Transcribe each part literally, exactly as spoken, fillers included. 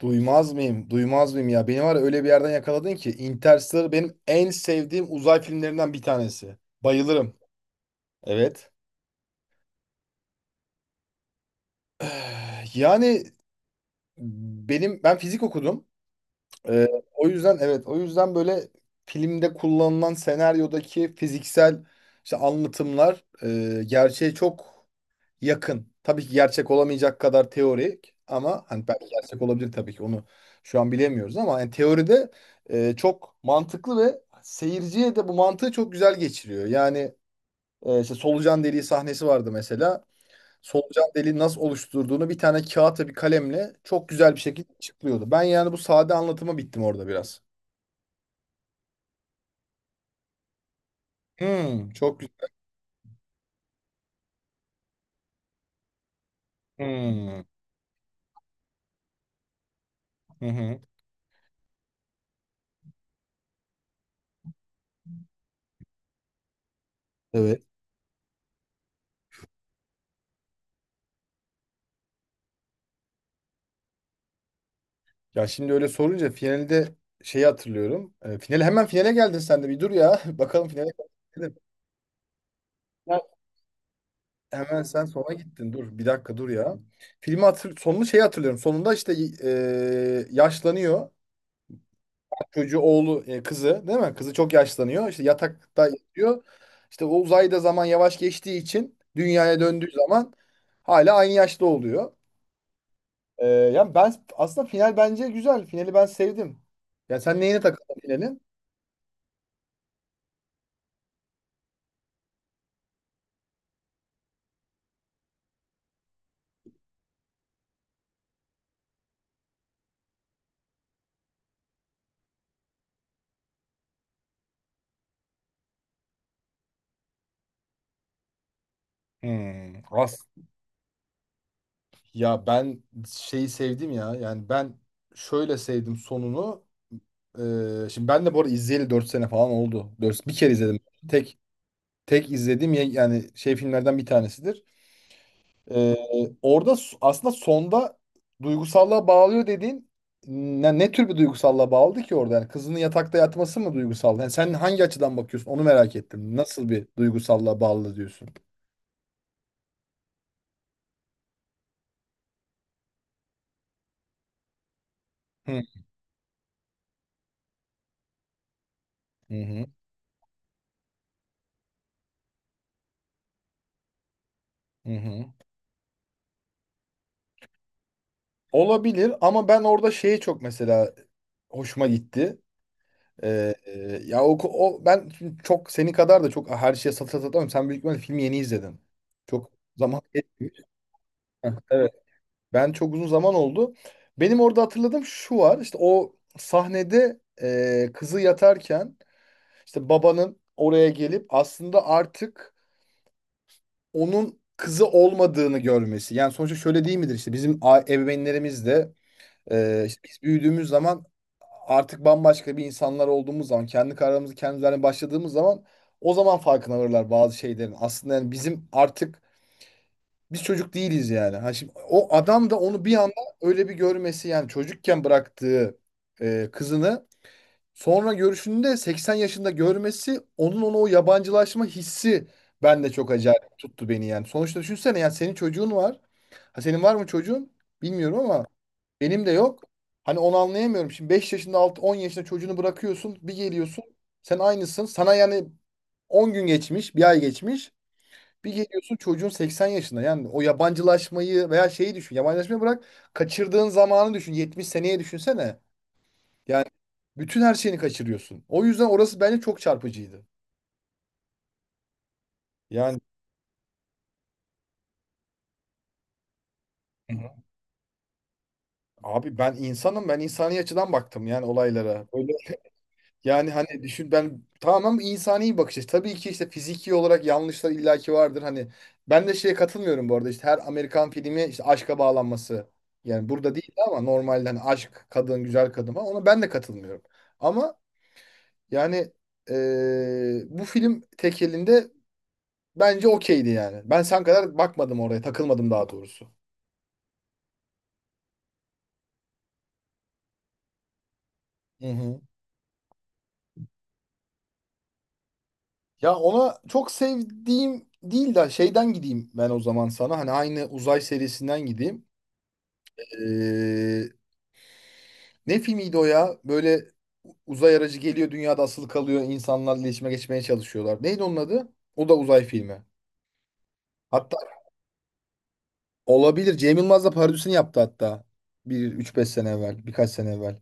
Duymaz mıyım? Duymaz mıyım ya? Beni var ya öyle bir yerden yakaladın ki Interstellar benim en sevdiğim uzay filmlerinden bir tanesi. Bayılırım. Evet. Yani benim ben fizik okudum. Ee, O yüzden, evet, o yüzden böyle filmde kullanılan senaryodaki fiziksel işte anlatımlar e, gerçeğe çok yakın. Tabii ki gerçek olamayacak kadar teorik ama hani belki gerçek olabilir, tabii ki onu şu an bilemiyoruz ama yani teoride e, çok mantıklı ve seyirciye de bu mantığı çok güzel geçiriyor. Yani e, işte solucan deliği sahnesi vardı mesela. Solucan deliği nasıl oluşturduğunu bir tane kağıtla bir kalemle çok güzel bir şekilde açıklıyordu. Ben yani bu sade anlatıma bittim orada biraz. Hmm, çok güzel. Hmm. Hı hı. Evet. Ya şimdi öyle sorunca finalde şeyi hatırlıyorum. E, finale, hemen finale geldin, sen de bir dur ya. Bakalım finale geldim. Hemen sen sona gittin. Dur bir dakika, dur ya. Filmi hatır Sonunu şeyi hatırlıyorum. Sonunda işte e, yaşlanıyor. Çocuğu, oğlu, e, kızı değil mi? Kızı çok yaşlanıyor. İşte yatakta yatıyor. İşte o uzayda zaman yavaş geçtiği için dünyaya döndüğü zaman hala aynı yaşta oluyor. Ee, yani ben aslında final bence güzel. Finali ben sevdim. Ya sen neyine takıldın finalin? Hmm, as ya ben şeyi sevdim ya. Yani ben şöyle sevdim sonunu. Ee, şimdi ben de bu arada izleyeli dört sene falan oldu. dört, bir kere izledim. Tek tek izlediğim ye- yani şey filmlerden bir tanesidir. Ee, Orada s- aslında sonda duygusallığa bağlıyor dediğin, ne, ne tür bir duygusallığa bağladı ki orada? Yani kızının yatakta yatması mı duygusal? Yani sen hangi açıdan bakıyorsun? Onu merak ettim. Nasıl bir duygusallığa bağlı diyorsun? Hı hı. Hı. Hı hı. Olabilir ama ben orada şeye çok, mesela, hoşuma gitti. Ee, e, ya o, o ben şimdi çok seni kadar da çok her şeye satır satır atlamam. Sen büyük ihtimalle filmi yeni izledin. Çok zaman geçmiş. Heh, evet. Ben çok uzun zaman oldu. Benim orada hatırladığım şu var. İşte o sahnede e, kızı yatarken işte babanın oraya gelip aslında artık onun kızı olmadığını görmesi. Yani sonuçta şöyle değil midir, işte bizim a- ebeveynlerimiz de e, işte biz büyüdüğümüz zaman artık bambaşka bir insanlar olduğumuz zaman, kendi kararımızı kendimiz vermeye başladığımız zaman, o zaman farkına varırlar bazı şeylerin. Aslında yani bizim artık biz çocuk değiliz yani. Ha, şimdi o adam da onu bir anda öyle bir görmesi, yani çocukken bıraktığı e, kızını sonra görüşünde 80 yaşında görmesi, onun ona o yabancılaşma hissi bende çok acayip tuttu beni yani. Sonuçta düşünsene, yani senin çocuğun var. Ha, senin var mı çocuğun? Bilmiyorum ama benim de yok. Hani onu anlayamıyorum. Şimdi beş yaşında, altı, on yaşında çocuğunu bırakıyorsun, bir geliyorsun. Sen aynısın. Sana yani on gün geçmiş, bir ay geçmiş. Bir geliyorsun, çocuğun seksen yaşında. Yani o yabancılaşmayı veya şeyi düşün. Yabancılaşmayı bırak. Kaçırdığın zamanı düşün. 70 seneye düşünsene. Yani bütün her şeyini kaçırıyorsun. O yüzden orası bence çok çarpıcıydı. Yani abi ben insanım. Ben insani açıdan baktım yani olaylara. Böyle. Yani hani düşün, ben tamam, insani bir bakış açısı. Tabii ki işte fiziki olarak yanlışlar illaki vardır. Hani ben de şeye katılmıyorum bu arada, işte her Amerikan filmi işte aşka bağlanması. Yani burada değil ama normalde hani aşk, kadın, güzel kadın falan, ona ben de katılmıyorum. Ama yani eee, bu film tek elinde bence okeydi yani. Ben sen kadar bakmadım oraya, takılmadım daha doğrusu. Hı hı. Ya ona çok sevdiğim değil de şeyden gideyim ben o zaman sana. Hani aynı uzay serisinden gideyim. Ee, Ne filmiydi o ya? Böyle uzay aracı geliyor, dünyada asılı kalıyor, insanlarla iletişime geçmeye çalışıyorlar. Neydi onun adı? O da uzay filmi. Hatta olabilir. Cem Yılmaz da parodisini yaptı hatta. Bir üç beş sene evvel, birkaç sene evvel.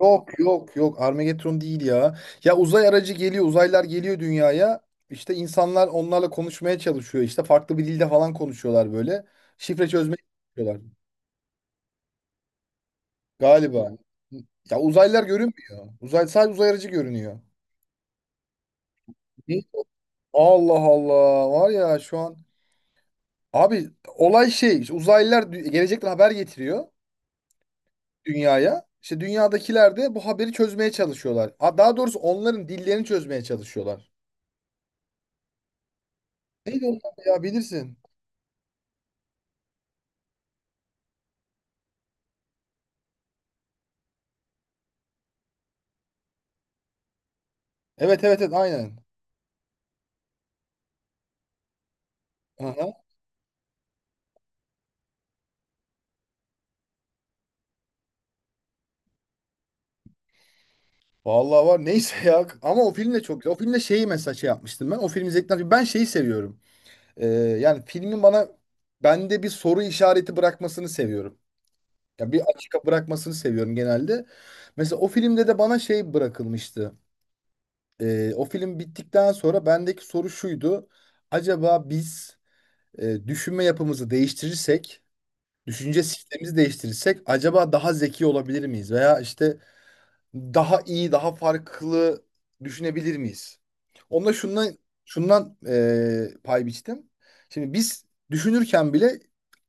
Yok yok yok, Armageddon değil ya. Ya uzay aracı geliyor, uzaylılar geliyor dünyaya. İşte insanlar onlarla konuşmaya çalışıyor. İşte farklı bir dilde falan konuşuyorlar böyle. Şifre çözmeye çalışıyorlar galiba. Ya uzaylılar görünmüyor. Uzay, sadece uzay aracı görünüyor. Ne? Allah Allah, var ya şu an abi, olay şey işte, uzaylılar dü- gelecekten haber getiriyor dünyaya. İşte dünyadakiler de bu haberi çözmeye çalışıyorlar. Ha, daha doğrusu onların dillerini çözmeye çalışıyorlar. Neydi onlar ya, bilirsin. Evet, evet, evet, aynen. Aha. Vallahi var, neyse ya, ama o film de çok güzel. O filmde şeyi mesela şey yapmıştım ben. O film izledikten ben şeyi seviyorum. Ee, yani filmin bana, bende bir soru işareti bırakmasını seviyorum. Ya bir açık bırakmasını seviyorum genelde. Mesela o filmde de bana şey bırakılmıştı. Ee, o film bittikten sonra bendeki soru şuydu. Acaba biz e, düşünme yapımızı değiştirirsek, düşünce sistemimizi değiştirirsek acaba daha zeki olabilir miyiz? Veya işte daha iyi, daha farklı düşünebilir miyiz? Onda şundan, şundan e, pay biçtim. Şimdi biz düşünürken bile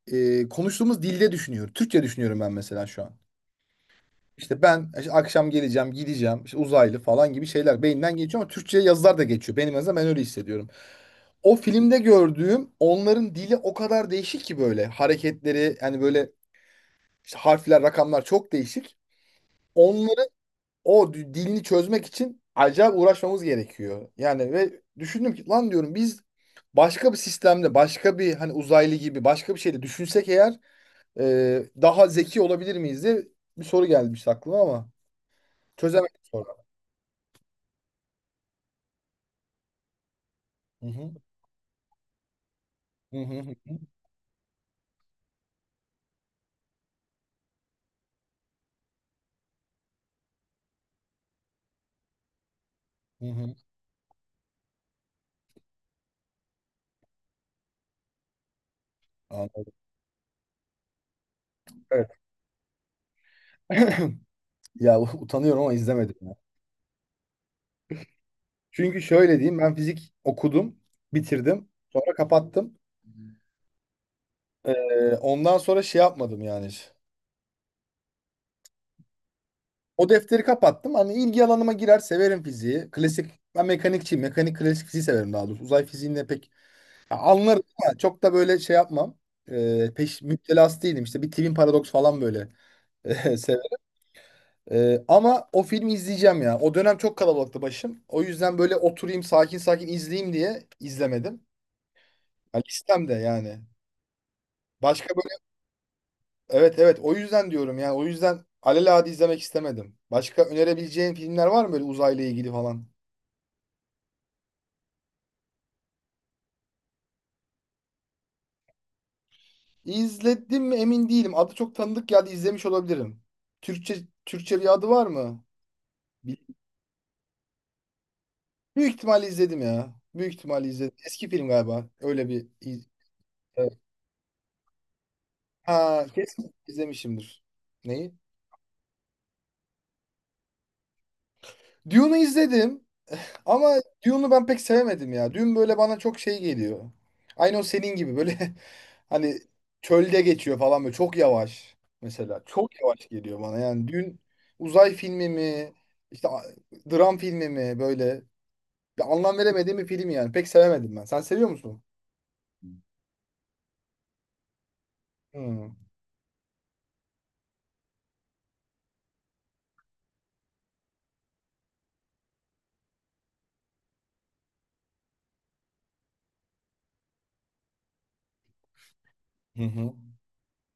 e, konuştuğumuz dilde düşünüyoruz. Türkçe düşünüyorum ben mesela şu an. İşte ben işte akşam geleceğim, gideceğim, işte uzaylı falan gibi şeyler beyinden geçiyor ama Türkçe'ye yazılar da geçiyor. Benim en azından, ben öyle hissediyorum. O filmde gördüğüm, onların dili o kadar değişik ki, böyle hareketleri, yani böyle işte harfler, rakamlar çok değişik. Onların o d- dilini çözmek için acayip uğraşmamız gerekiyor. Yani, ve düşündüm ki lan, diyorum biz başka bir sistemde, başka bir, hani uzaylı gibi başka bir şeyde düşünsek eğer e, daha zeki olabilir miyiz diye bir soru gelmiş aklıma ama çözemedim sonra. Hı hı. Hı hı. Hı hı. Hı. Anladım. Evet. Ya u- utanıyorum ama izlemedim ya. Çünkü şöyle diyeyim, ben fizik okudum, bitirdim, sonra kapattım. Ee, ondan sonra şey yapmadım yani, hiç. O defteri kapattım. Hani ilgi alanıma girer, severim fiziği. Klasik, ben mekanikçiyim. Mekanik, klasik fiziği severim daha doğrusu. Uzay fiziğinde pek, ya anlarım ama çok da böyle şey yapmam. Ee, peş müptelası değilim. İşte bir twin paradoks falan böyle severim. Ee, ama o filmi izleyeceğim ya. O dönem çok kalabalıktı başım. O yüzden böyle oturayım sakin sakin izleyeyim diye izlemedim. Ya listemde yani. Başka böyle, evet, evet, o yüzden diyorum yani, o yüzden alelade izlemek istemedim. Başka önerebileceğin filmler var mı böyle uzayla ilgili falan? İzledim mi emin değilim. Adı çok tanıdık geldi, izlemiş olabilirim. Türkçe Türkçe bir adı var mı? Bil- Büyük ihtimalle izledim ya. Büyük ihtimalle izledim. Eski film galiba. Öyle bir iz- evet. Ha, kesin izlemişimdir. Neyi? Dune'u izledim ama Dune'u ben pek sevemedim ya. Dune böyle bana çok şey geliyor. Aynı o senin gibi böyle. Hani çölde geçiyor falan, böyle çok yavaş mesela. Çok yavaş geliyor bana, yani Dune uzay filmi mi, işte a- dram filmi mi, böyle bir anlam veremediğim bir film yani. Pek sevemedim ben. Sen seviyor musun? Hmm. Hı hı.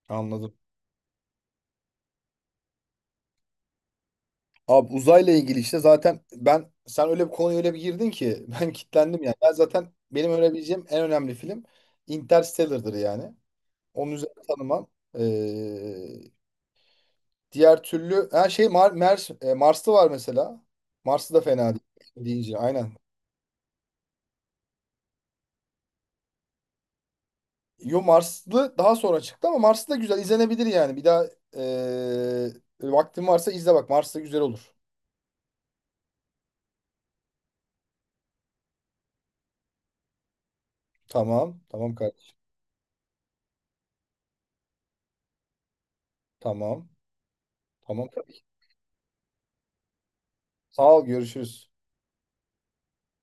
Anladım. Abi uzayla ilgili işte, zaten ben, sen öyle bir konuya öyle bir girdin ki ben kitlendim yani. Ben zaten benim önerebileceğim en önemli film Interstellar'dır yani. Onun üzerine tanımam. Ee, Diğer türlü, ha şey, Mar Mers e, Marslı var mesela. Marslı da fena değil. Deyince aynen. Yo, Marslı daha sonra çıktı ama Marslı da güzel izlenebilir yani. Bir daha e, vaktin varsa izle bak. Marslı güzel olur. Tamam. Tamam kardeşim. Tamam. Tamam. Sağ ol. Görüşürüz.